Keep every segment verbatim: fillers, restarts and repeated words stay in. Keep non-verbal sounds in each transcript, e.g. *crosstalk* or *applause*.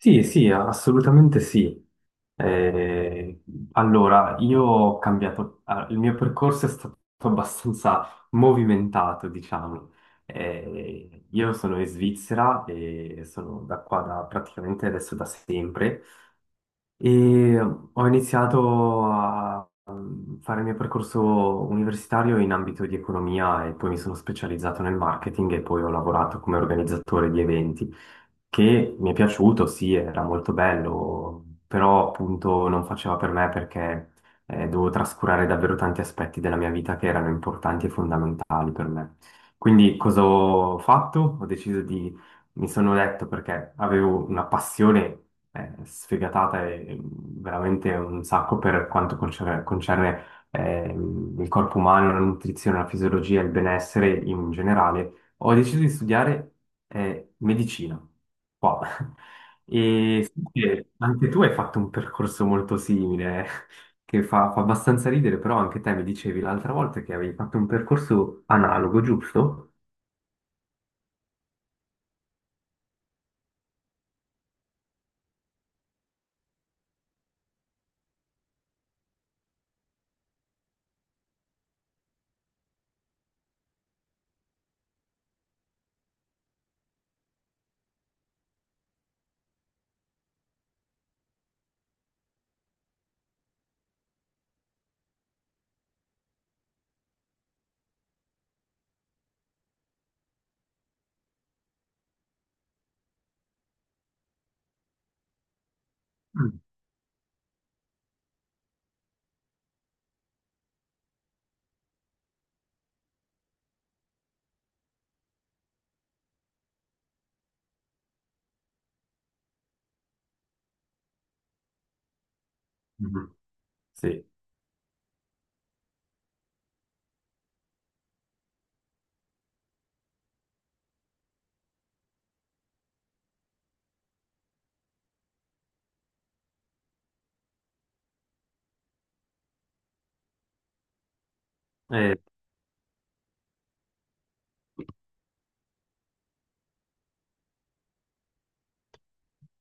Sì, sì, assolutamente sì. Eh, allora, io ho cambiato, ah, il mio percorso è stato abbastanza movimentato, diciamo. Eh, io sono in Svizzera e sono da qua da, praticamente adesso da sempre, e ho iniziato a mm, fare il mio percorso universitario in ambito di economia e poi mi sono specializzato nel marketing e poi ho lavorato come organizzatore di eventi che mi è piaciuto, sì, era molto bello, però appunto non faceva per me perché eh, dovevo trascurare davvero tanti aspetti della mia vita che erano importanti e fondamentali per me. Quindi cosa ho fatto? Ho deciso di, mi sono detto, perché avevo una passione eh, sfegatata e e veramente un sacco per quanto concerne, concerne, ehm, il corpo umano, la nutrizione, la fisiologia, il benessere in generale, ho deciso di studiare eh, medicina qua. *laughs* E so che anche tu hai fatto un percorso molto simile, *laughs* che fa, fa abbastanza ridere, però anche te mi dicevi l'altra volta che avevi fatto un percorso analogo, giusto? Mm. Mhm. Sì. Eh,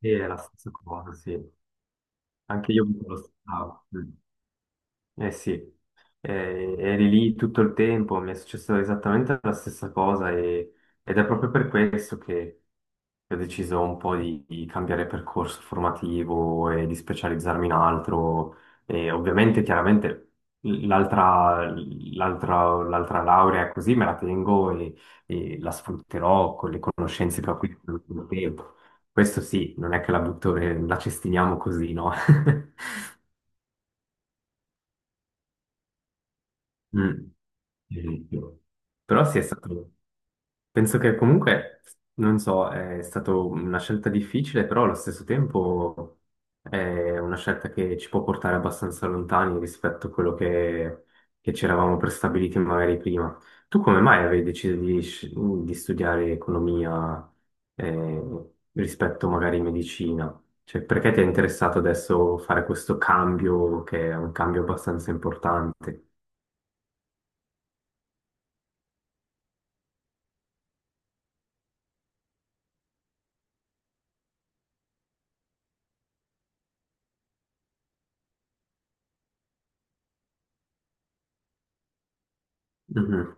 sì, è la stessa cosa, sì. Anche io mi lo aspettavo. Eh sì, eh, eri lì tutto il tempo, mi è successa esattamente la stessa cosa e- ed è proprio per questo che ho deciso un po' di, di cambiare percorso formativo e di specializzarmi in altro. E ovviamente, chiaramente, l'altra l'altra- l'altra laurea così me la tengo, e, e la sfrutterò con le conoscenze che ho acquisito nell'ultimo tempo. Questo sì, non è che la butto, e la cestiniamo così, no? *laughs* Mm. Di più. Però sì, è stato, penso che comunque, non so, è stata una scelta difficile, però allo stesso tempo è una scelta che ci può portare abbastanza lontani rispetto a quello che, che ci eravamo prestabiliti magari prima. Tu come mai avevi deciso di, sci- di studiare economia eh, rispetto magari medicina? Cioè, perché ti è interessato adesso fare questo cambio, che è un cambio abbastanza importante? Mhm.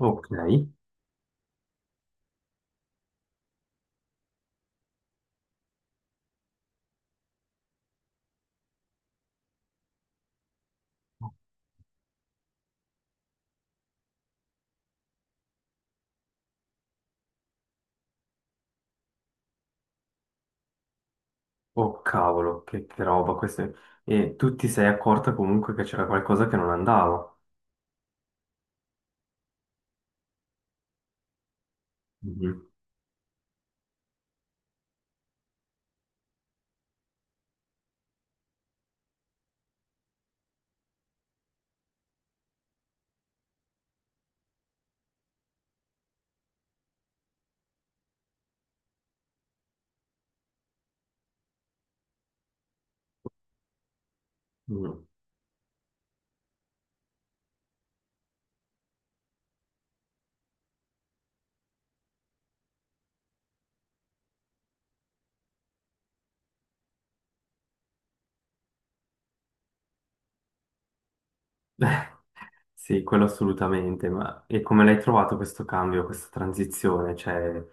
Ok. Oh cavolo, che, che roba questa. E tu ti sei accorta comunque che c'era qualcosa che non andava. Mhm. Mm. *laughs* Sì, quello assolutamente. Ma e come l'hai trovato questo cambio, questa transizione? Cioè,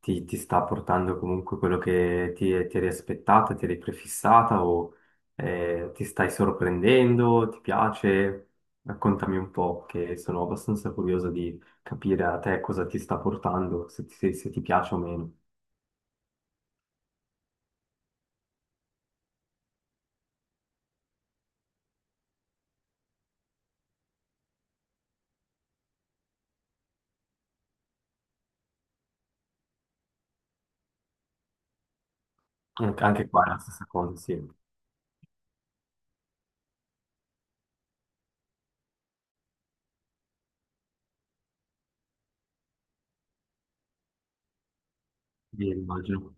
ti, ti sta portando comunque quello che ti, ti eri aspettata, ti eri prefissata o eh, ti stai sorprendendo? Ti piace? Raccontami un po', che sono abbastanza curioso di capire a te cosa ti sta portando, se ti se- se ti piace o meno. Anche anche qua è la stessa cosa, sì. Io immagino.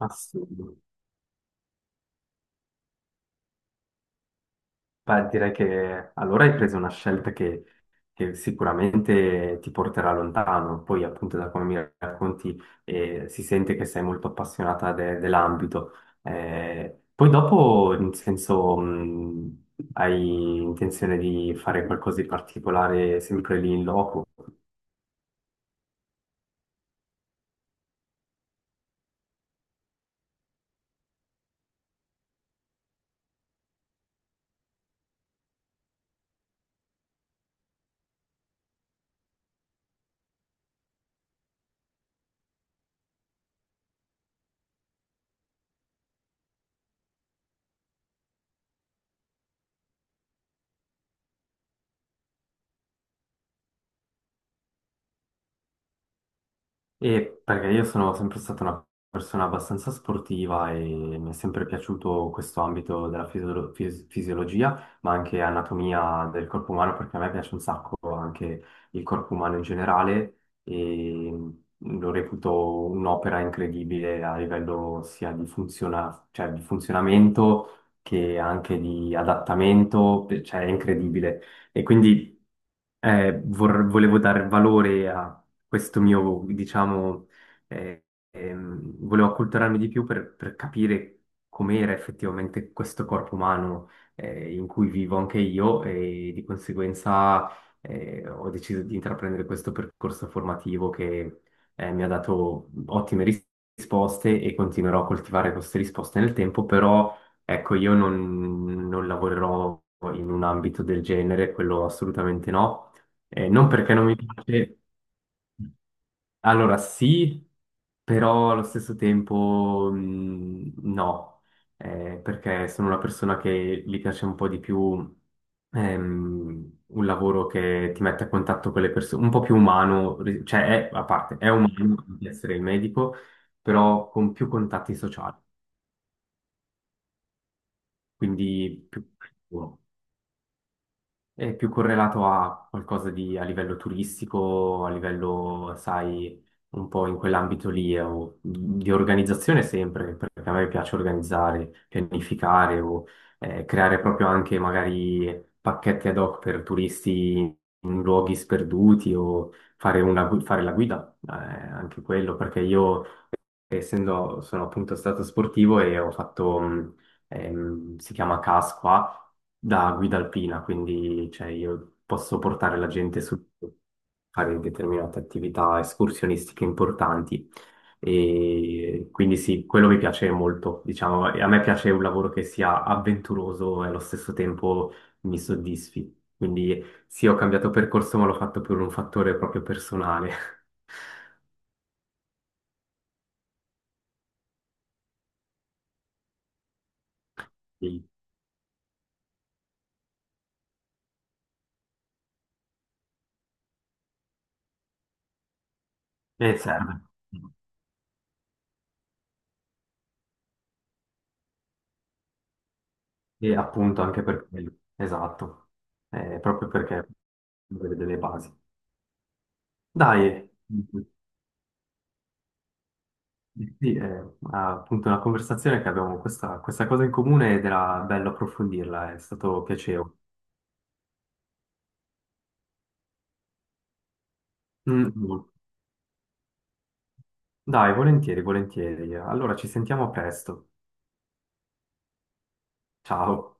Assurdo. Beh, direi che allora hai preso una scelta che, che sicuramente ti porterà lontano. Poi, appunto, da come mi racconti, eh, si sente che sei molto appassionata de- dell'ambito. Eh, poi dopo, nel senso, mh, hai intenzione di fare qualcosa di particolare sempre lì in loco? E perché io sono sempre stata una persona abbastanza sportiva e mi è sempre piaciuto questo ambito della fisiolo- fis- fisiologia, ma anche anatomia del corpo umano, perché a me piace un sacco anche il corpo umano in generale e lo reputo un'opera incredibile a livello sia di funziona- cioè di funzionamento che anche di adattamento, cioè è incredibile. E quindi eh, vor- volevo dare valore a questo mio, diciamo, eh, ehm, volevo acculturarmi di più per, per capire com'era effettivamente questo corpo umano eh, in cui vivo anche io e di conseguenza eh, ho deciso di intraprendere questo percorso formativo che eh, mi ha dato ottime ris- risposte e continuerò a coltivare queste risposte nel tempo, però ecco, io non non lavorerò in un ambito del genere, quello assolutamente no. Eh, non perché non mi piace, allora sì, però allo stesso tempo mh, no. Eh, perché sono una persona che gli piace un po' di più, ehm, un lavoro che ti mette a contatto con le persone, un po' più umano, ri- cioè è, a parte, è umano di essere il medico, però con più contatti sociali, quindi più... È più correlato a qualcosa di, a livello turistico, a livello, sai, un po' in quell'ambito lì, eh, o di organizzazione sempre, perché a me piace organizzare, pianificare o eh, creare proprio anche magari pacchetti ad hoc per turisti in luoghi sperduti o fare, una, gui- fare la guida, eh, anche quello, perché io essendo sono appunto stato sportivo e ho fatto, mh, ehm, si chiama C A S qua, da guida alpina, quindi cioè, io posso portare la gente su fare determinate attività escursionistiche importanti. E quindi sì, quello mi piace molto, diciamo, e a me piace un lavoro che sia avventuroso e allo stesso tempo mi soddisfi. Quindi sì, ho cambiato percorso, ma l'ho fatto per un fattore proprio personale. *laughs* Sì, e serve. E appunto anche per quello, esatto. Eh, proprio perché deve delle basi. Dai, sì, è appunto una conversazione, che abbiamo questa, questa cosa in comune ed era bello approfondirla, è stato piacevole. Mm, mm. Dai, volentieri, volentieri. Allora ci sentiamo presto. Ciao.